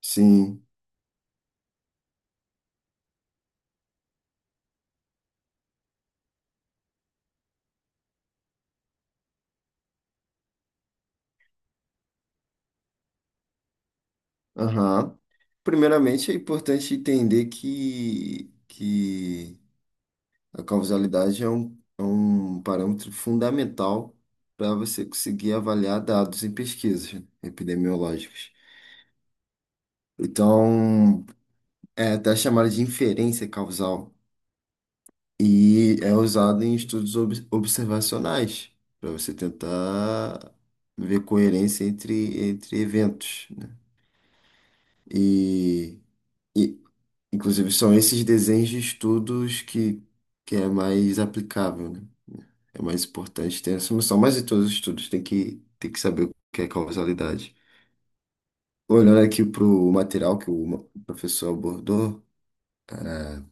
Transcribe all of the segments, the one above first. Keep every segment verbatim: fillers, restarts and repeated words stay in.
Sim. Aham. Primeiramente, é importante entender que, que a causalidade é um, é um parâmetro fundamental para você conseguir avaliar dados em pesquisas epidemiológicas. Então, é até chamada de inferência causal e é usado em estudos ob- observacionais para você tentar ver coerência entre, entre eventos, né? E. e Inclusive, são esses desenhos de estudos que, que é mais aplicável, né? É mais importante ter essa noção. Mas em todos os estudos tem que, tem que saber o que é causalidade. Olhando aqui para o material que o ma- o professor abordou, cara,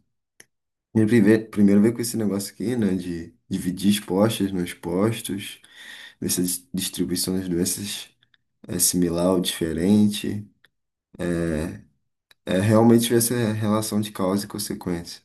ele prime- primeiro veio com esse negócio aqui, né? De dividir expostas nos postos, ver se a dis- distribuição das doenças é similar ou diferente. É, é realmente ver essa relação de causa e consequência.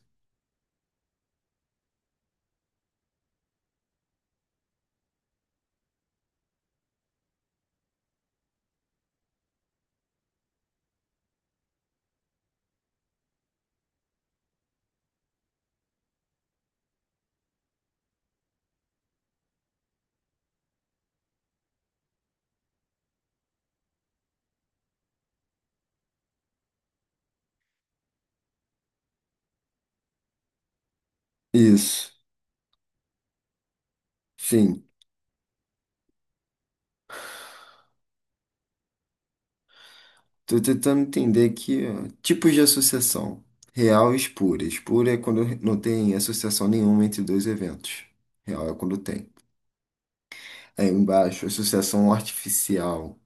Isso, sim. Tô tentando entender aqui, ó, tipos de associação. Real e espúria. Espúria é quando não tem associação nenhuma entre dois eventos. Real é quando tem. Aí embaixo, associação artificial,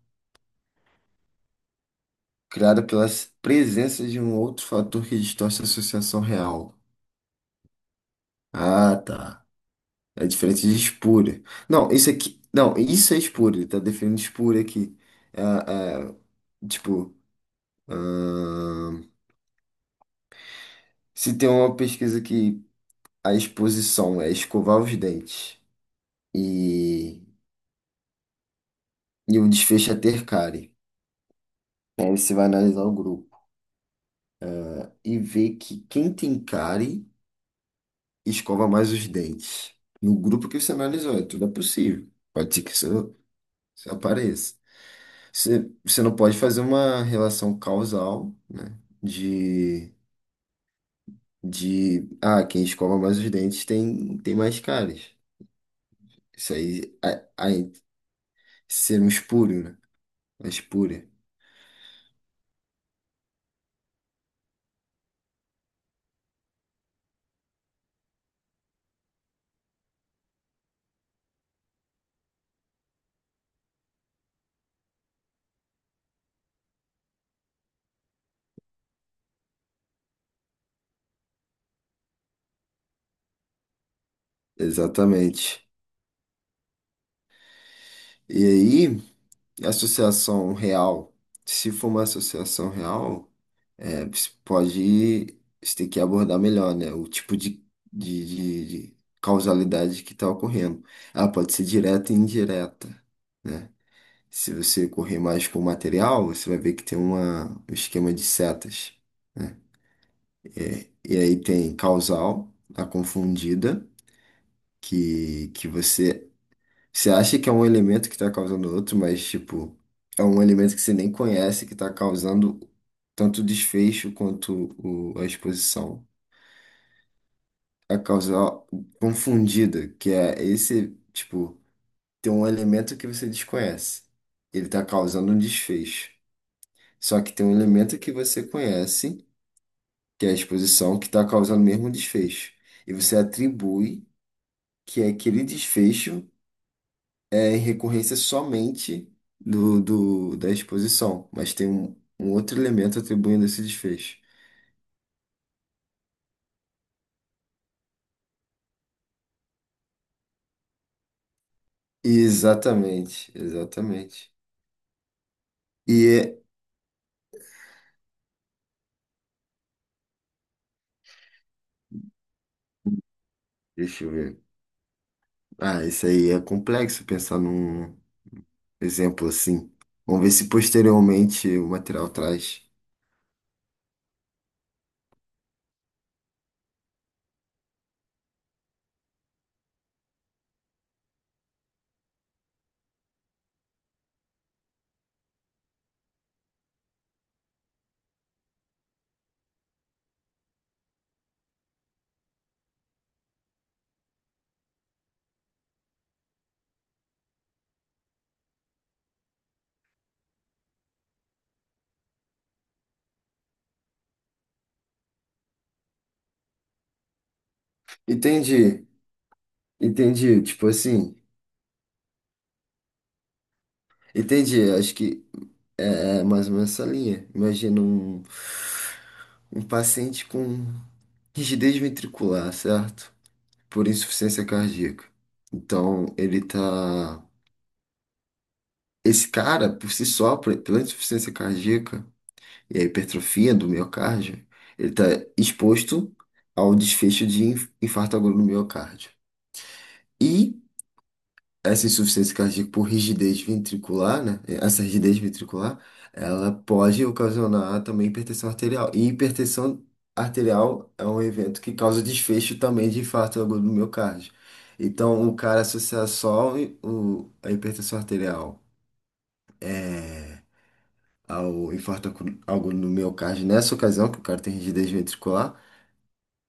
criada pela s- presença de um outro fator que distorce a associação real. Ah, tá. É diferente de espúria. Não, isso aqui. Não, isso é espúria. Ele tá definindo espúria aqui. É, é, tipo, ahn, se tem uma pesquisa que a exposição é escovar os dentes. e, e o desfecho é ter cárie. Aí você vai analisar o grupo e ver que quem tem cárie escova mais os dentes. No grupo que você analisou, é tudo é possível. Pode ser que isso, isso apareça. Você, você não pode fazer uma relação causal, né? De, de ah, quem escova mais os dentes tem, tem mais cáries. Isso aí, aí ser um espúrio, né? Uma espúria. Exatamente. E aí. Associação real, se for uma associação real, é, você pode, você tem que abordar melhor, né? O tipo de, de, de- de causalidade que está ocorrendo. Ela pode ser direta e indireta, né? Se você correr mais com o material, você vai ver que tem uma, um esquema de setas, né? É, e aí tem causal, a confundida, que, que você você acha que é um elemento que tá causando outro, mas, tipo, é um elemento que você nem conhece que tá causando tanto o desfecho quanto o, a exposição. A causa confundida, que é esse, tipo, tem um elemento que você desconhece. Ele tá causando um desfecho. Só que tem um elemento que você conhece, que é a exposição, que tá causando o mesmo desfecho. E você atribui que é aquele desfecho é em recorrência somente do, do- da exposição, mas tem um, um outro elemento atribuindo esse desfecho. Exatamente, exatamente. E é- Deixa eu ver. Ah, isso aí é complexo pensar num exemplo assim. Vamos ver se posteriormente o material traz. Entendi, entendi. Tipo assim, entendi. Acho que é, é mais ou menos essa linha. Imagina um, um paciente com rigidez ventricular, certo? Por insuficiência cardíaca. Então, ele tá. Esse cara, por si só, por- pela insuficiência cardíaca e a hipertrofia do miocárdio, ele tá exposto a um desfecho de inf- infarto agudo no miocárdio. E essa insuficiência cardíaca por rigidez ventricular, né? Essa rigidez ventricular, ela pode ocasionar também hipertensão arterial. E hipertensão arterial é um evento que causa desfecho também de infarto agudo do miocárdio. Então, o cara associar só o, a hipertensão arterial é, ao infarto acu- agudo do miocárdio nessa ocasião, que o cara tem rigidez ventricular,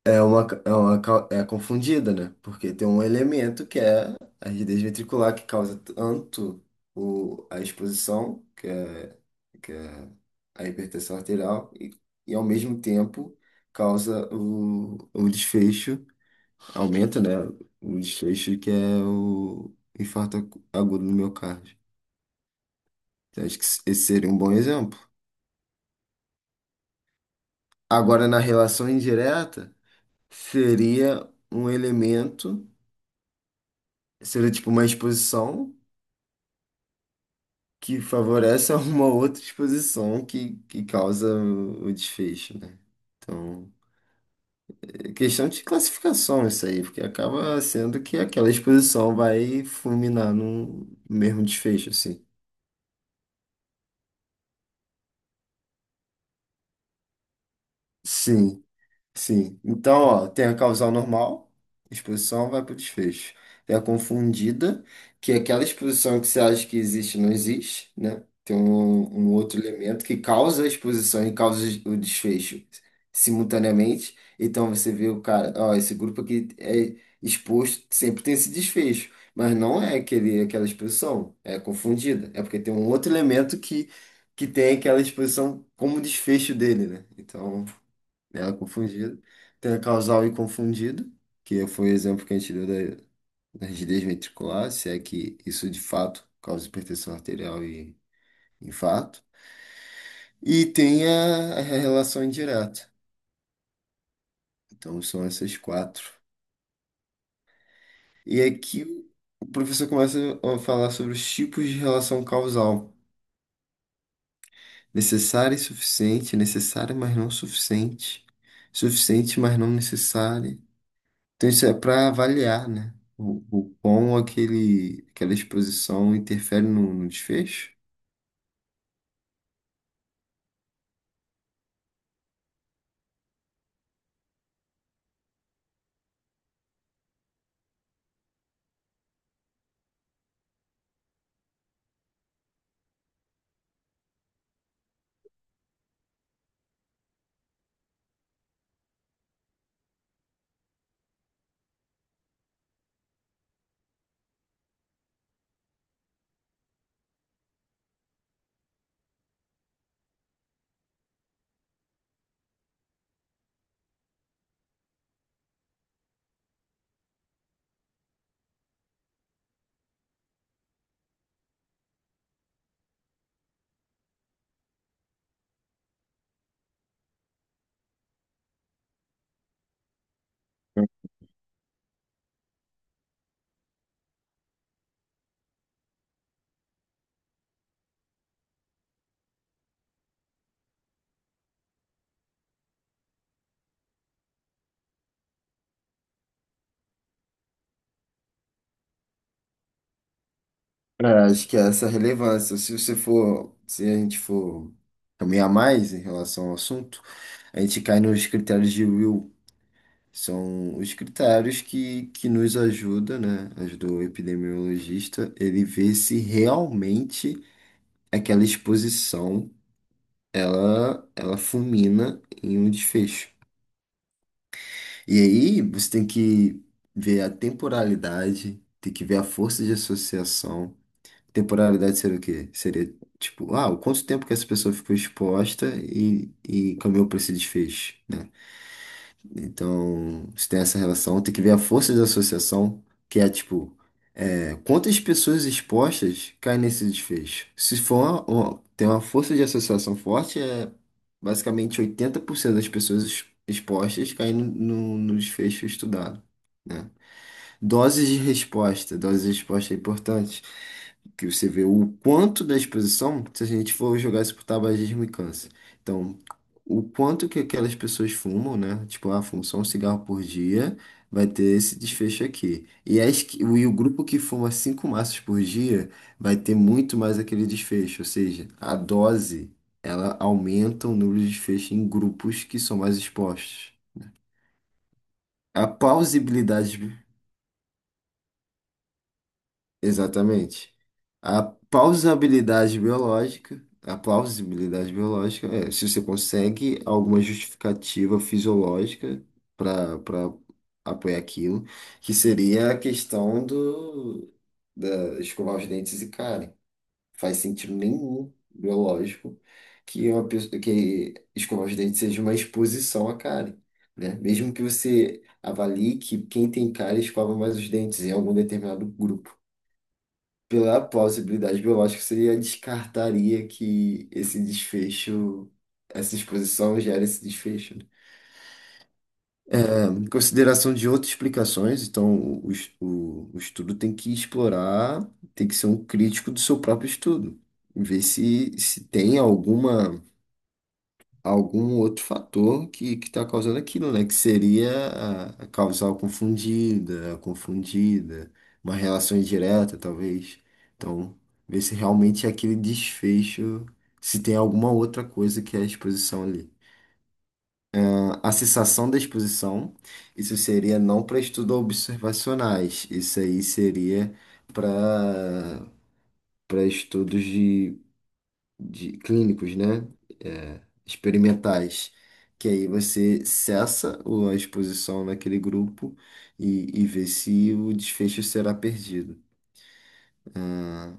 é uma, é uma cau- é confundida, né? Porque tem um elemento que é a rigidez ventricular que causa tanto o, a exposição, que é, que é a hipertensão arterial, e, e ao mesmo tempo causa o, o desfecho, aumenta, né? O desfecho que é o infarto agu- agudo no miocárdio. Então, acho que esse seria um bom exemplo. Agora, na relação indireta, seria um elemento, seria tipo uma exposição que favorece a uma outra exposição que, que causa o o desfecho, né? Então, é questão de classificação isso aí, porque acaba sendo que aquela exposição vai fulminar no mesmo desfecho, assim. Sim. Sim. Então, ó, tem a causal normal, exposição vai para o desfecho. Tem a confundida, que é aquela exposição que você acha que existe e não existe, né? Tem um, um outro elemento que causa a exposição e causa o desfecho simultaneamente. Então você vê o cara, ó, esse grupo aqui é exposto, sempre tem esse desfecho, mas não é aquele, aquela exposição, é confundida. É porque tem um outro elemento que, que tem aquela exposição como desfecho dele, né? Então. Ela confundida. Tem a causal e confundido, que foi o exemplo que a gente deu da, da rigidez ventricular, se é que isso de fato causa hipertensão arterial e infarto. E tem a, a relação indireta. Então são essas quatro. E aqui o professor começa a falar sobre os tipos de relação causal. Necessária e suficiente, necessária, mas não suficiente. Suficiente, mas não necessária. Então, isso é para avaliar, né? O, o quão aquele, aquela exposição interfere no, no desfecho. É, acho que é essa relevância, se você for, se a gente for caminhar mais em relação ao assunto, a gente cai nos critérios de Will. São os critérios que, que nos ajuda, né? Ajudou o epidemiologista, ele vê se realmente aquela exposição ela, ela fulmina em um desfecho. E aí você tem que ver a temporalidade, tem que ver a força de associação. Temporalidade seria o quê? Seria tipo, ah, o quanto tempo que essa pessoa ficou exposta e, e caminhou para esse desfecho, né? Então, se tem essa relação, tem que ver a força de associação, que é tipo, quantas pessoas expostas caem nesse desfecho? Se for uma, uma- tem uma força de associação forte, é basicamente oitenta por cento das pessoas ex- expostas caem no, no- no desfecho estudado, né? Doses de resposta. Doses de resposta é importante. Que você vê o quanto da exposição, se a gente for jogar isso pro tabagismo e câncer. Então, o quanto que aquelas pessoas fumam, né? Tipo, ah, fumo só um cigarro por dia, vai ter esse desfecho aqui. E, as, que- e o grupo que fuma cinco maços por dia vai ter muito mais aquele desfecho. Ou seja, a dose, ela aumenta o número de desfecho em grupos que são mais expostos. A plausibilidade. Exatamente. A plausibilidade biológica, a plausibilidade biológica é se você consegue alguma justificativa fisiológica para para apoiar aquilo, que seria a questão do da escovar os dentes e cárie. Faz sentido nenhum biológico que uma pessoa que escovar os dentes seja uma exposição à cárie, né? Mesmo que você avalie que quem tem cárie escova mais os dentes em algum determinado grupo. Pela possibilidade biológica, você descartaria que esse desfecho, essa exposição gera esse desfecho. Né? É, em consideração de outras explicações, então o, es- o- o estudo tem que explorar, tem que ser um crítico do seu próprio estudo, ver se, se tem alguma, algum outro fator que que está causando aquilo, né? Que seria a, a causal confundida, a confundida, uma relação indireta, talvez. Então, ver se realmente aquele desfecho, se tem alguma outra coisa que é a exposição ali. A, a cessação da exposição, isso seria não para estudos observacionais, isso aí seria para para estudos de de clínicos, né? É, experimentais, que aí você cessa o- a exposição naquele grupo e, e vê se o desfecho será perdido. Tá?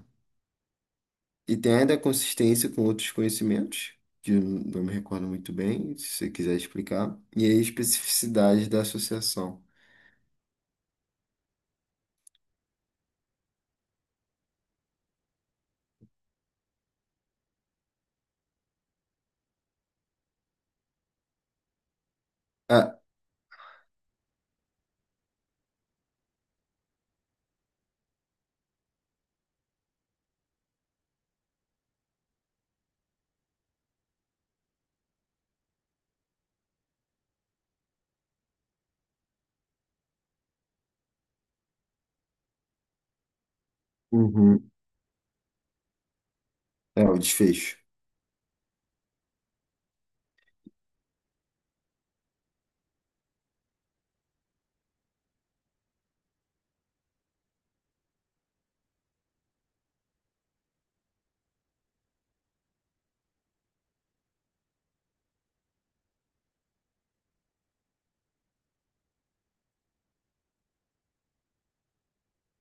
E tem ainda a consistência com outros conhecimentos, que eu n- não me recordo muito bem, se você quiser explicar, e a especificidade da associação. Ah, uhum, é o desfecho.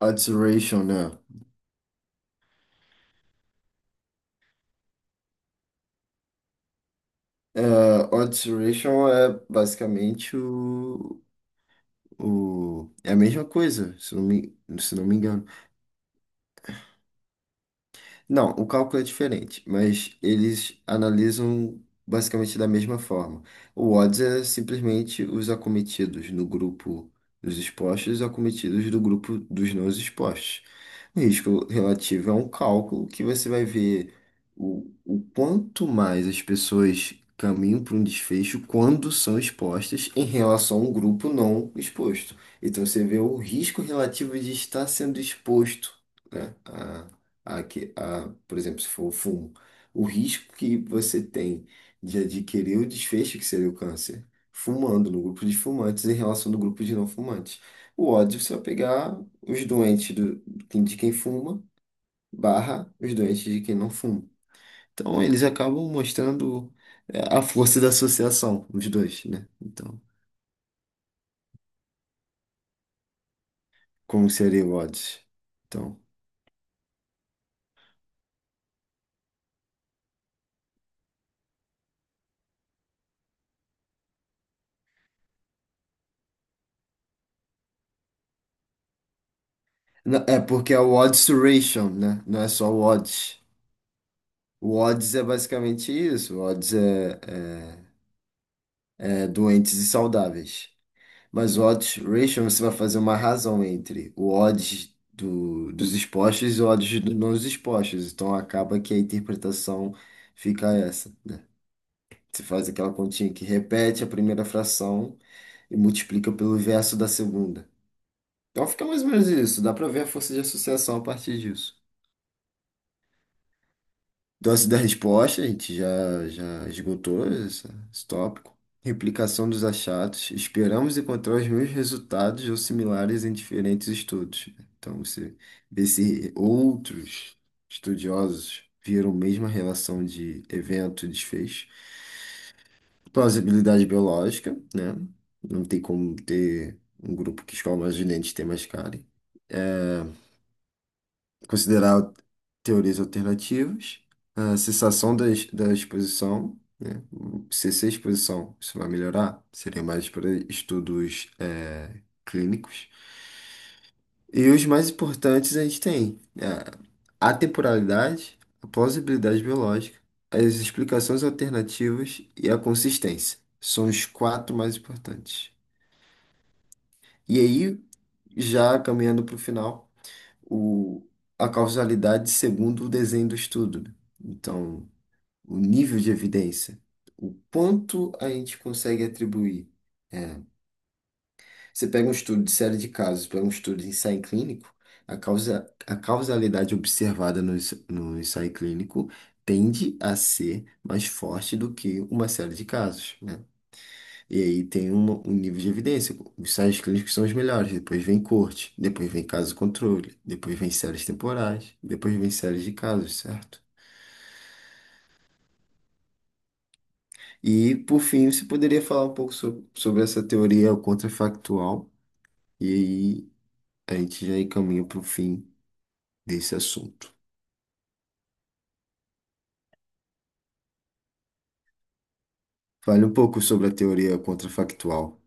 Odds ratio, né? É, odds ratio é basicamente o... O... É a mesma coisa, se não me, se não me engano. Não, o cálculo é diferente, mas eles analisam basicamente da mesma forma. O odds é simplesmente os acometidos no grupo dos expostos e os acometidos do grupo dos não expostos. O risco relativo é um cálculo que você vai ver o, o quanto mais as pessoas caminham para um desfecho quando são expostas em relação a um grupo não exposto. Então você vê o risco relativo de estar sendo exposto, né? a, que- a, por exemplo, se for o fumo, o risco que você tem de adquirir o desfecho que seria o câncer, fumando no grupo de fumantes em relação do grupo de não fumantes. O ódio você vai pegar os doentes do, de quem fuma, barra os doentes de quem não fuma. Então eles acabam mostrando é, a força da associação, os dois, né? Então, como seria o odds? Então, na- é porque é o odds ratio, né? Não é só o odds. O odds é basicamente isso. O odds é, é, é doentes e saudáveis. Mas o odds ratio você vai fazer uma razão entre o odds do, dos expostos e o odds dos não expostos. Então acaba que a interpretação fica essa, né? Você faz aquela continha que repete a primeira fração e multiplica pelo verso da segunda. Então fica mais ou menos isso. Dá para ver a força de associação a partir disso. Dose da resposta, a gente já, já esgotou essa- esse tópico. Replicação dos achados. Esperamos encontrar os mesmos resultados ou similares em diferentes estudos. Então, você vê se outros estudiosos viram a mesma relação de evento e desfecho. Plausibilidade biológica, né? Não tem como ter um grupo que escolhe mais gente tem mais cara considerar teorias alternativas, a cessação da, ex- da exposição, né? Cessar a exposição, isso vai melhorar, seria mais para estudos eh, clínicos. E os mais importantes a gente tem eh, a atemporalidade, a plausibilidade biológica, as explicações alternativas e a consistência. São os quatro mais importantes. E aí, já caminhando para o final. o, a causalidade segundo o desenho do estudo, né? Então, o nível de evidência, o quanto a gente consegue atribuir. É, Você pega um estudo de série de casos, pega um estudo de ensaio clínico, a causa, a causalidade observada no, ens- no ensaio clínico tende a ser mais forte do que uma série de casos, né? E aí tem uma- um nível de evidência. Os ensaios clínicos são os melhores. Depois vem corte, depois vem caso controle, depois vem séries temporais, depois vem séries de casos, certo? E por fim, você poderia falar um pouco so- sobre essa teoria contrafactual, e aí a gente já encaminha para o fim desse assunto. Fale um pouco sobre a teoria contrafactual.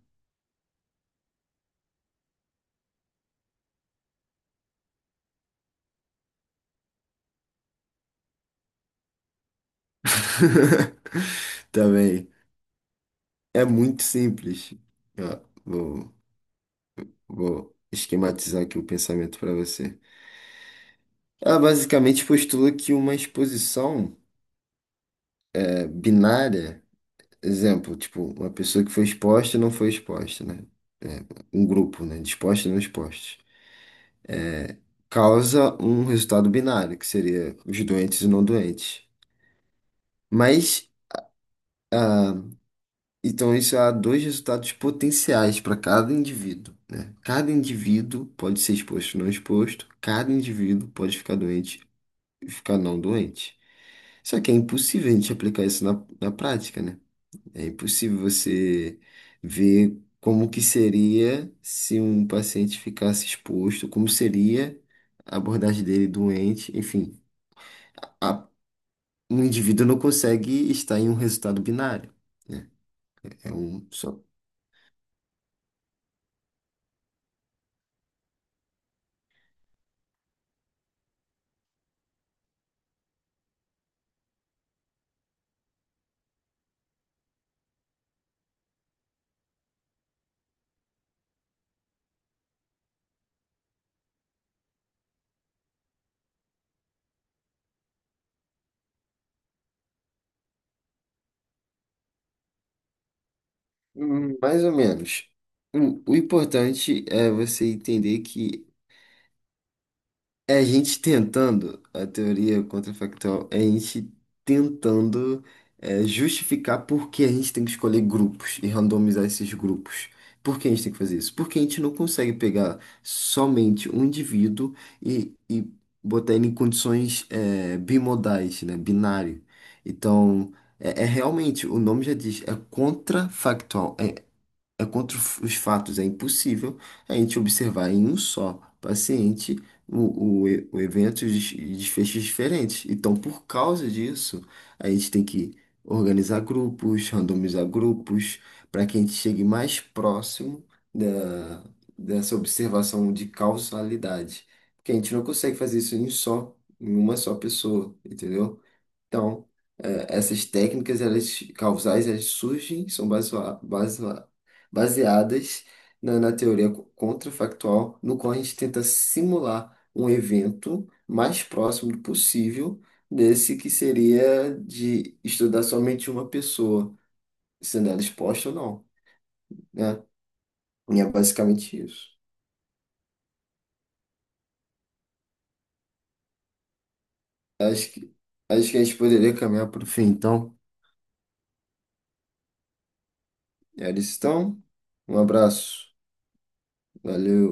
Também é muito simples. Ó, vou, vou esquematizar aqui o pensamento para você. Ela basicamente postula que uma exposição é, binária, exemplo, tipo, uma pessoa que foi exposta e não foi exposta, né? É, um grupo, né? De expostos e não expostos. Causa um resultado binário, que seria os doentes e não doentes. Mas, então, isso há dois resultados potenciais para cada indivíduo, né? Cada indivíduo pode ser exposto ou não exposto, cada indivíduo pode ficar doente e ficar não doente. Só que é impossível a gente aplicar isso na, na prática, né? É impossível você ver como que seria se um paciente ficasse exposto, como seria a abordagem dele doente, enfim. A- Um indivíduo não consegue estar em um resultado binário, né? É um só. Hum, Mais ou menos. Hum, O importante é você entender que é a gente tentando, a teoria contrafactual, é a gente tentando é, justificar por que a gente tem que escolher grupos e randomizar esses grupos. Por que a gente tem que fazer isso? Porque a gente não consegue pegar somente um indivíduo e, e botar ele em condições é, bimodais, né? Binário. Então, é, é realmente, o nome já diz, é contrafactual. é é contra os fatos, é impossível a gente observar em um só paciente o, o, e- o evento e des- e desfechos diferentes. Então, por causa disso, a gente tem que organizar grupos, randomizar grupos, para que a gente chegue mais próximo da, dessa observação de causalidade. Porque a gente não consegue fazer isso em um só, em uma só pessoa, entendeu? Então, eh, essas técnicas elas, causais elas surgem, são basua- basua- baseadas na, na teoria co- contrafactual, no qual a gente tenta simular um evento mais próximo do possível desse que seria de estudar somente uma pessoa, sendo ela exposta ou não, né? E é basicamente isso. Acho que, acho que a gente poderia caminhar para o fim, então. Eles estão. Um abraço. Valeu.